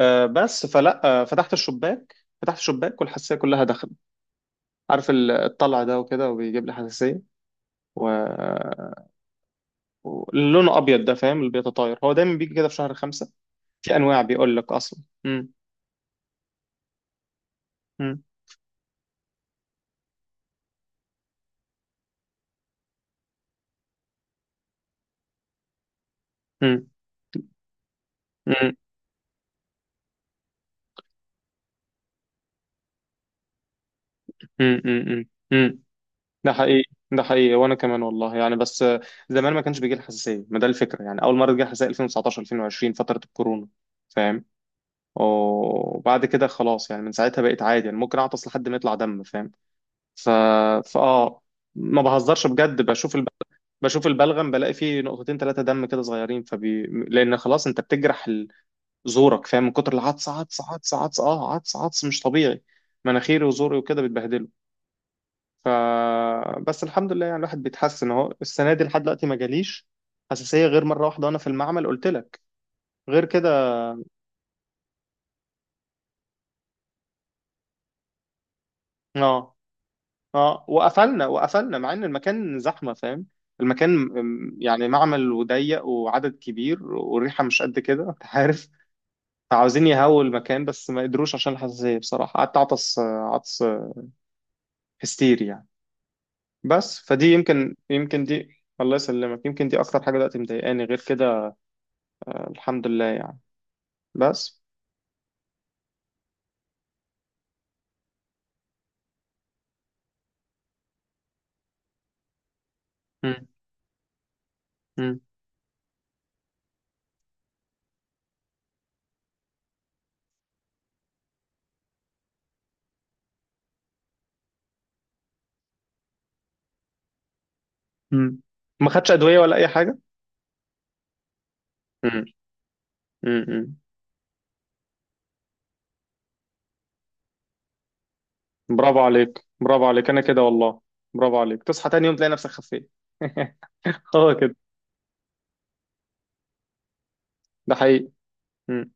بس فلا فتحت الشباك والحساسيه كلها دخلت. عارف الطلع ده وكده وبيجيب لي حساسيه و... لونه ابيض ده، فاهم؟ اللي بيتطاير هو دايما بيجي كده في شهر خمسة، في انواع، بيقول لك اصلا امم امم امم امم امم ده حقيقي. ده حقيقي وانا كمان، والله يعني. بس زمان ما كانش بيجي لي حساسيه، ما ده الفكره يعني، اول مره جه حساسيه 2019 2020 فتره الكورونا، فاهم؟ وبعد كده خلاص يعني، من ساعتها بقيت عادي، يعني ممكن اعطس لحد ما يطلع دم، فاهم؟ ف... فاه ما بهزرش بجد. بشوف البلغم بلاقي فيه نقطتين ثلاثه دم كده صغيرين لان خلاص انت بتجرح زورك، فاهم؟ من كتر العطس، عطس عطس عطس اه عطس عطس مش طبيعي. مناخيري وزوري وكده بيتبهدلوا. ف بس الحمد لله يعني، الواحد بيتحسن اهو. السنه دي لحد دلوقتي ما جاليش حساسيه غير مره واحده وانا في المعمل، قلت لك. غير كده اه. اه، وقفلنا. مع ان المكان زحمه، فاهم؟ المكان يعني معمل وضيق وعدد كبير والريحه مش قد كده، انت عارف. عاوزين يهووا المكان بس ما قدروش عشان الحساسيه. بصراحه قعدت اعطس عطس هستيري يعني. بس فدي يمكن، دي الله يسلمك، يمكن دي اكتر حاجه دلوقتي مضايقاني غير كده. الحمد لله يعني. بس. مم. مم. مم. ما خدش ادويه ولا اي حاجه. مم. مم. مم. برافو عليك، برافو عليك، انا كده والله. برافو عليك، تصحى تاني يوم تلاقي نفسك خفيت. هو كده. ده حقيقي. مم.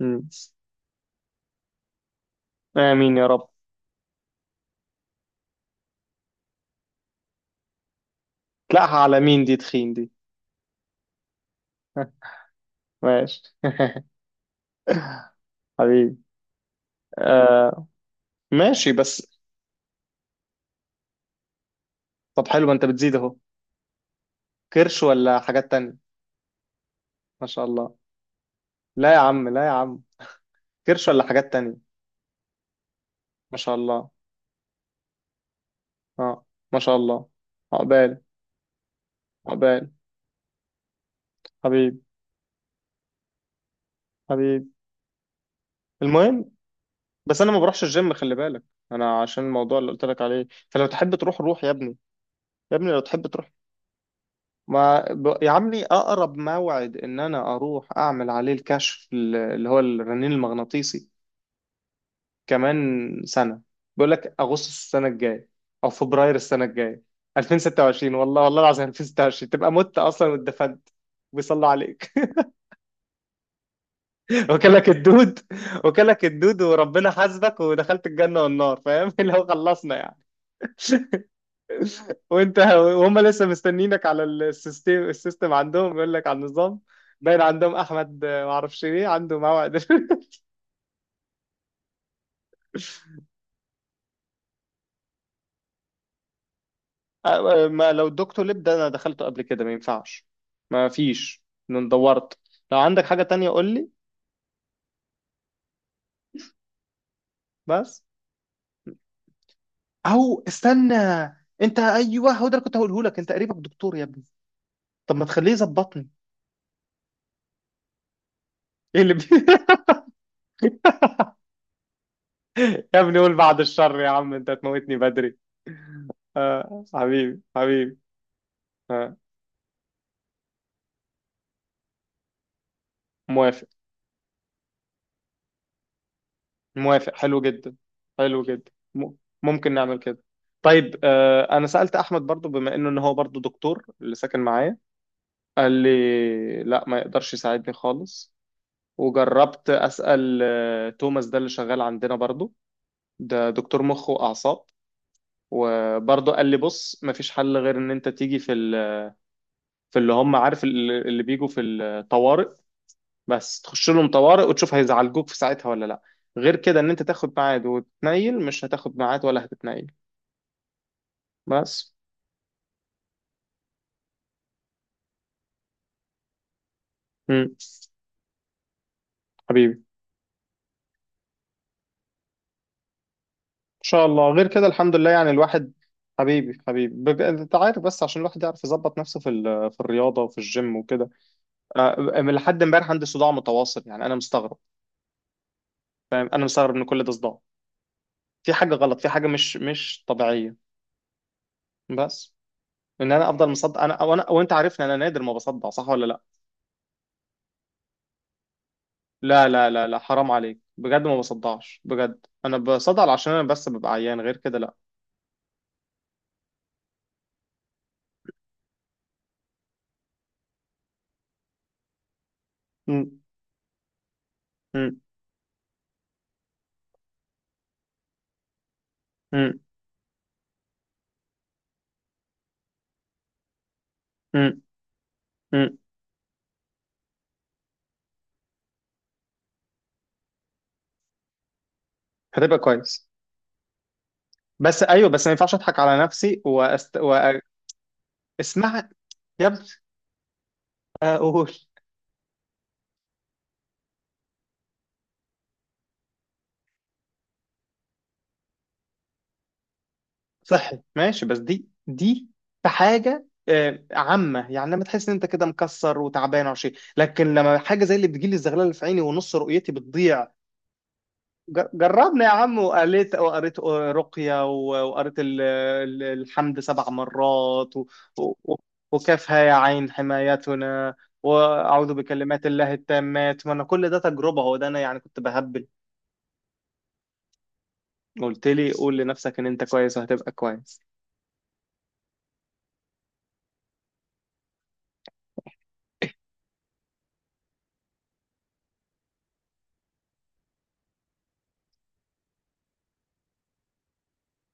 مم. آمين يا رب. تلاقها على مين دي تخين دي. ماشي حبيبي. آه. ماشي بس. طب حلو، ما انت بتزيد اهو. كرش ولا حاجات تانية، ما شاء الله. لا يا عم، لا يا عم. كرش ولا حاجات تانية، ما شاء الله. اه، ما شاء الله. عقبال. عقبال. حبيبي. حبيبي. المهم، بس انا ما بروحش الجيم، خلي بالك. انا عشان الموضوع اللي قلت لك عليه. فلو تحب تروح، روح يا ابني. يا ابني لو تحب تروح. ما ب- يا عمي اقرب موعد ان انا اروح اعمل عليه الكشف اللي هو الرنين المغناطيسي كمان سنه. بيقول لك اغسطس السنه الجايه او فبراير السنه الجايه 2026. والله، والله العظيم 2026 تبقى مت اصلا واتدفنت، بيصلى عليك وكلك الدود. وكلك الدود وربنا حاسبك ودخلت الجنه والنار، فاهم؟ اللي هو خلصنا يعني. وانت. وهم لسه مستنينك على السيستم. عندهم بيقول لك على النظام. باين عندهم احمد ما اعرفش ايه عنده موعد. ما لو الدكتور لب ده انا دخلته قبل كده، ما ينفعش. ما فيش. انا دورت. لو عندك حاجة تانية قول لي. بس. او استنى، انت ايوه هو ده اللي كنت هقوله لك، انت قريبك دكتور يا ابني. طب ما تخليه يظبطني. ايه اللي بي... يا ابني قول بعد الشر يا عم، انت هتموتني بدري. آه حبيبي، حبيبي. آه. موافق. موافق حلو جدا. حلو جدا ممكن نعمل كده. طيب انا سألت احمد برضو بما انه ان هو برضو دكتور، اللي ساكن معايا. قال لي لا، ما يقدرش يساعدني خالص. وجربت اسأل توماس ده اللي شغال عندنا برضو، ده دكتور مخ واعصاب. وبرضو قال لي بص، ما فيش حل غير ان انت تيجي في في اللي هم، عارف اللي بيجوا في الطوارئ. بس تخش لهم طوارئ وتشوف هيزعلجوك في ساعتها ولا لا. غير كده ان انت تاخد ميعاد وتتنيل، مش هتاخد ميعاد ولا هتتنيل. بس. مم. حبيبي ان شاء الله. غير كده الحمد لله يعني الواحد. حبيبي، حبيبي. انت عارف بس عشان الواحد يعرف يظبط نفسه في الرياضه وفي الجيم وكده. آه، من لحد امبارح عندي صداع متواصل، يعني انا مستغرب. انا مستغرب ان كل ده صداع. في حاجه غلط، في حاجه مش طبيعيه. بس. ان انا افضل مصدع انا، وانا وانت عارفني انا نادر ما بصدع، صح ولا لا؟ لا لا، حرام عليك بجد، ما بصدعش بجد. انا بصدع عشان انا بس ببقى عيان، غير كده لا. مم. مم. مم. مم. مم. هتبقى كويس. بس ايوه، بس ما ينفعش اضحك على نفسي واسمعها. يبقى اقول. صحي ماشي. بس دي، دي في حاجه عامه يعني لما تحس ان انت كده مكسر وتعبان او شيء. لكن لما حاجه زي اللي بتجيلي الزغلله اللي في عيني ونص رؤيتي بتضيع. جربنا يا عم. وقريت. رقيه وقريت الحمد سبع مرات و... وكافها يا عين حمايتنا. واعوذ بكلمات الله التامات. ما انا كل ده تجربه، هو ده انا يعني كنت بهبل. قلت لي قول لنفسك ان انت كويس وهتبقى كويس.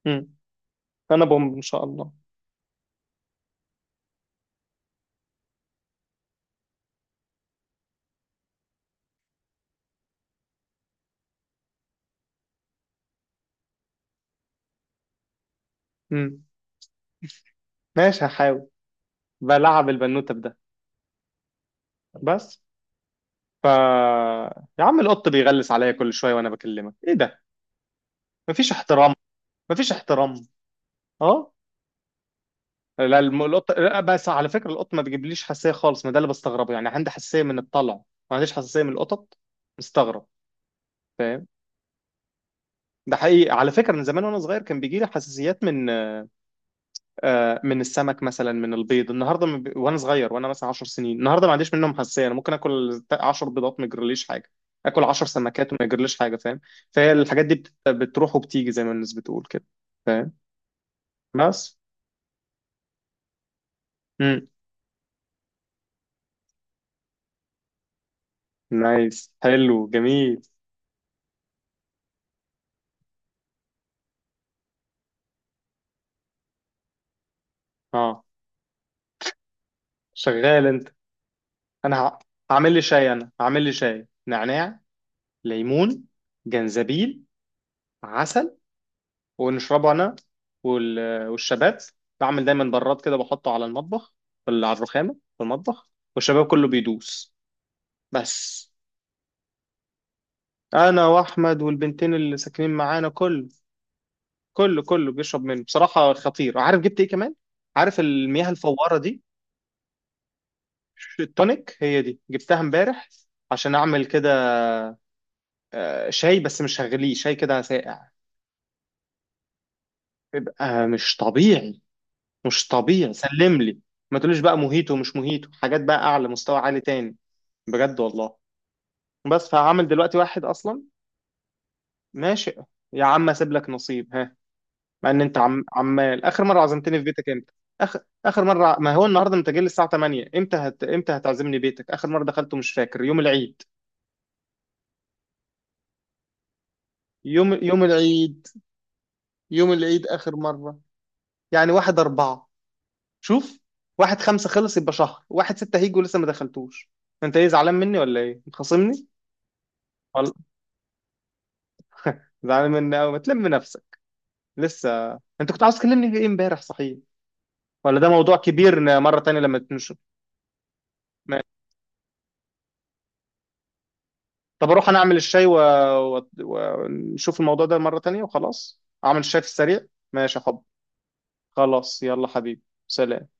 امم. انا بومب ان شاء الله. امم. ماشي هحاول. بلعب البنوتة بده. بس. ف يا عم القط بيغلس عليا كل شوية وانا بكلمك، ايه ده؟ مفيش احترام. مفيش احترام. اه. لا، القط لا. بس على فكرة القط ما بيجيبليش حساسية خالص، ما ده اللي بستغربه يعني. عندي حساسية من الطلع، ما عنديش حساسية من القطط. مستغرب، فاهم؟ ده حقيقي. على فكرة من زمان وانا صغير كان بيجي لي حساسيات من من السمك مثلا، من البيض. النهارده وانا صغير، وانا مثلا 10 سنين. النهارده ما عنديش منهم حساسيه، انا ممكن اكل 10 بيضات ما يجرليش حاجه، اكل 10 سمكات وما يجرليش حاجه، فاهم؟ فهي الحاجات دي بتروح وبتيجي زي ما الناس بتقول كده، فاهم؟ بس. امم. نايس، حلو جميل. اه، شغال انت. انا ه... هعمل لي شاي. انا هعمل لي شاي نعناع، ليمون، جنزبيل، عسل، ونشربه انا والشباب. بعمل دايما براد كده بحطه على المطبخ، على الرخامه في المطبخ، والشباب كله بيدوس. بس. انا واحمد والبنتين اللي ساكنين معانا، كله بيشرب منه. بصراحه خطير. عارف جبت ايه كمان؟ عارف المياه الفواره دي، التونيك هي دي، جبتها امبارح عشان اعمل كده شاي، بس مش هغليه، شاي كده ساقع. بيبقى مش طبيعي، مش طبيعي، سلم لي. ما تقوليش بقى موهيتو، مش موهيتو، حاجات بقى اعلى مستوى، عالي تاني، بجد والله. بس فهعمل دلوقتي واحد اصلا. ماشي يا عم اسيب لك نصيب، ها. مع ان انت عم، عمال، اخر مره عزمتني في بيتك امتى؟ اخر مره ما هو النهارده انت جاي لي الساعه 8، امتى هتعزمني بيتك؟ اخر مره دخلته مش فاكر، يوم العيد. يوم العيد. يوم العيد اخر مره. يعني واحد اربعة. شوف، واحد خمسة خلص، يبقى شهر واحد ستة هيجي ولسه ما دخلتوش. انت ايه زعلان مني ولا ايه، متخاصمني؟ والله زعلان مني أوي، ما تلم نفسك. لسه. انت كنت عاوز تكلمني في ايه امبارح صحيح، ولا ده موضوع كبير مرة تانية لما نشوف؟ ماشي. طب اروح انا اعمل الشاي، ونشوف الموضوع ده مرة تانية، وخلاص اعمل الشاي في السريع. ماشي يا حب. خلاص يلا حبيبي، سلام.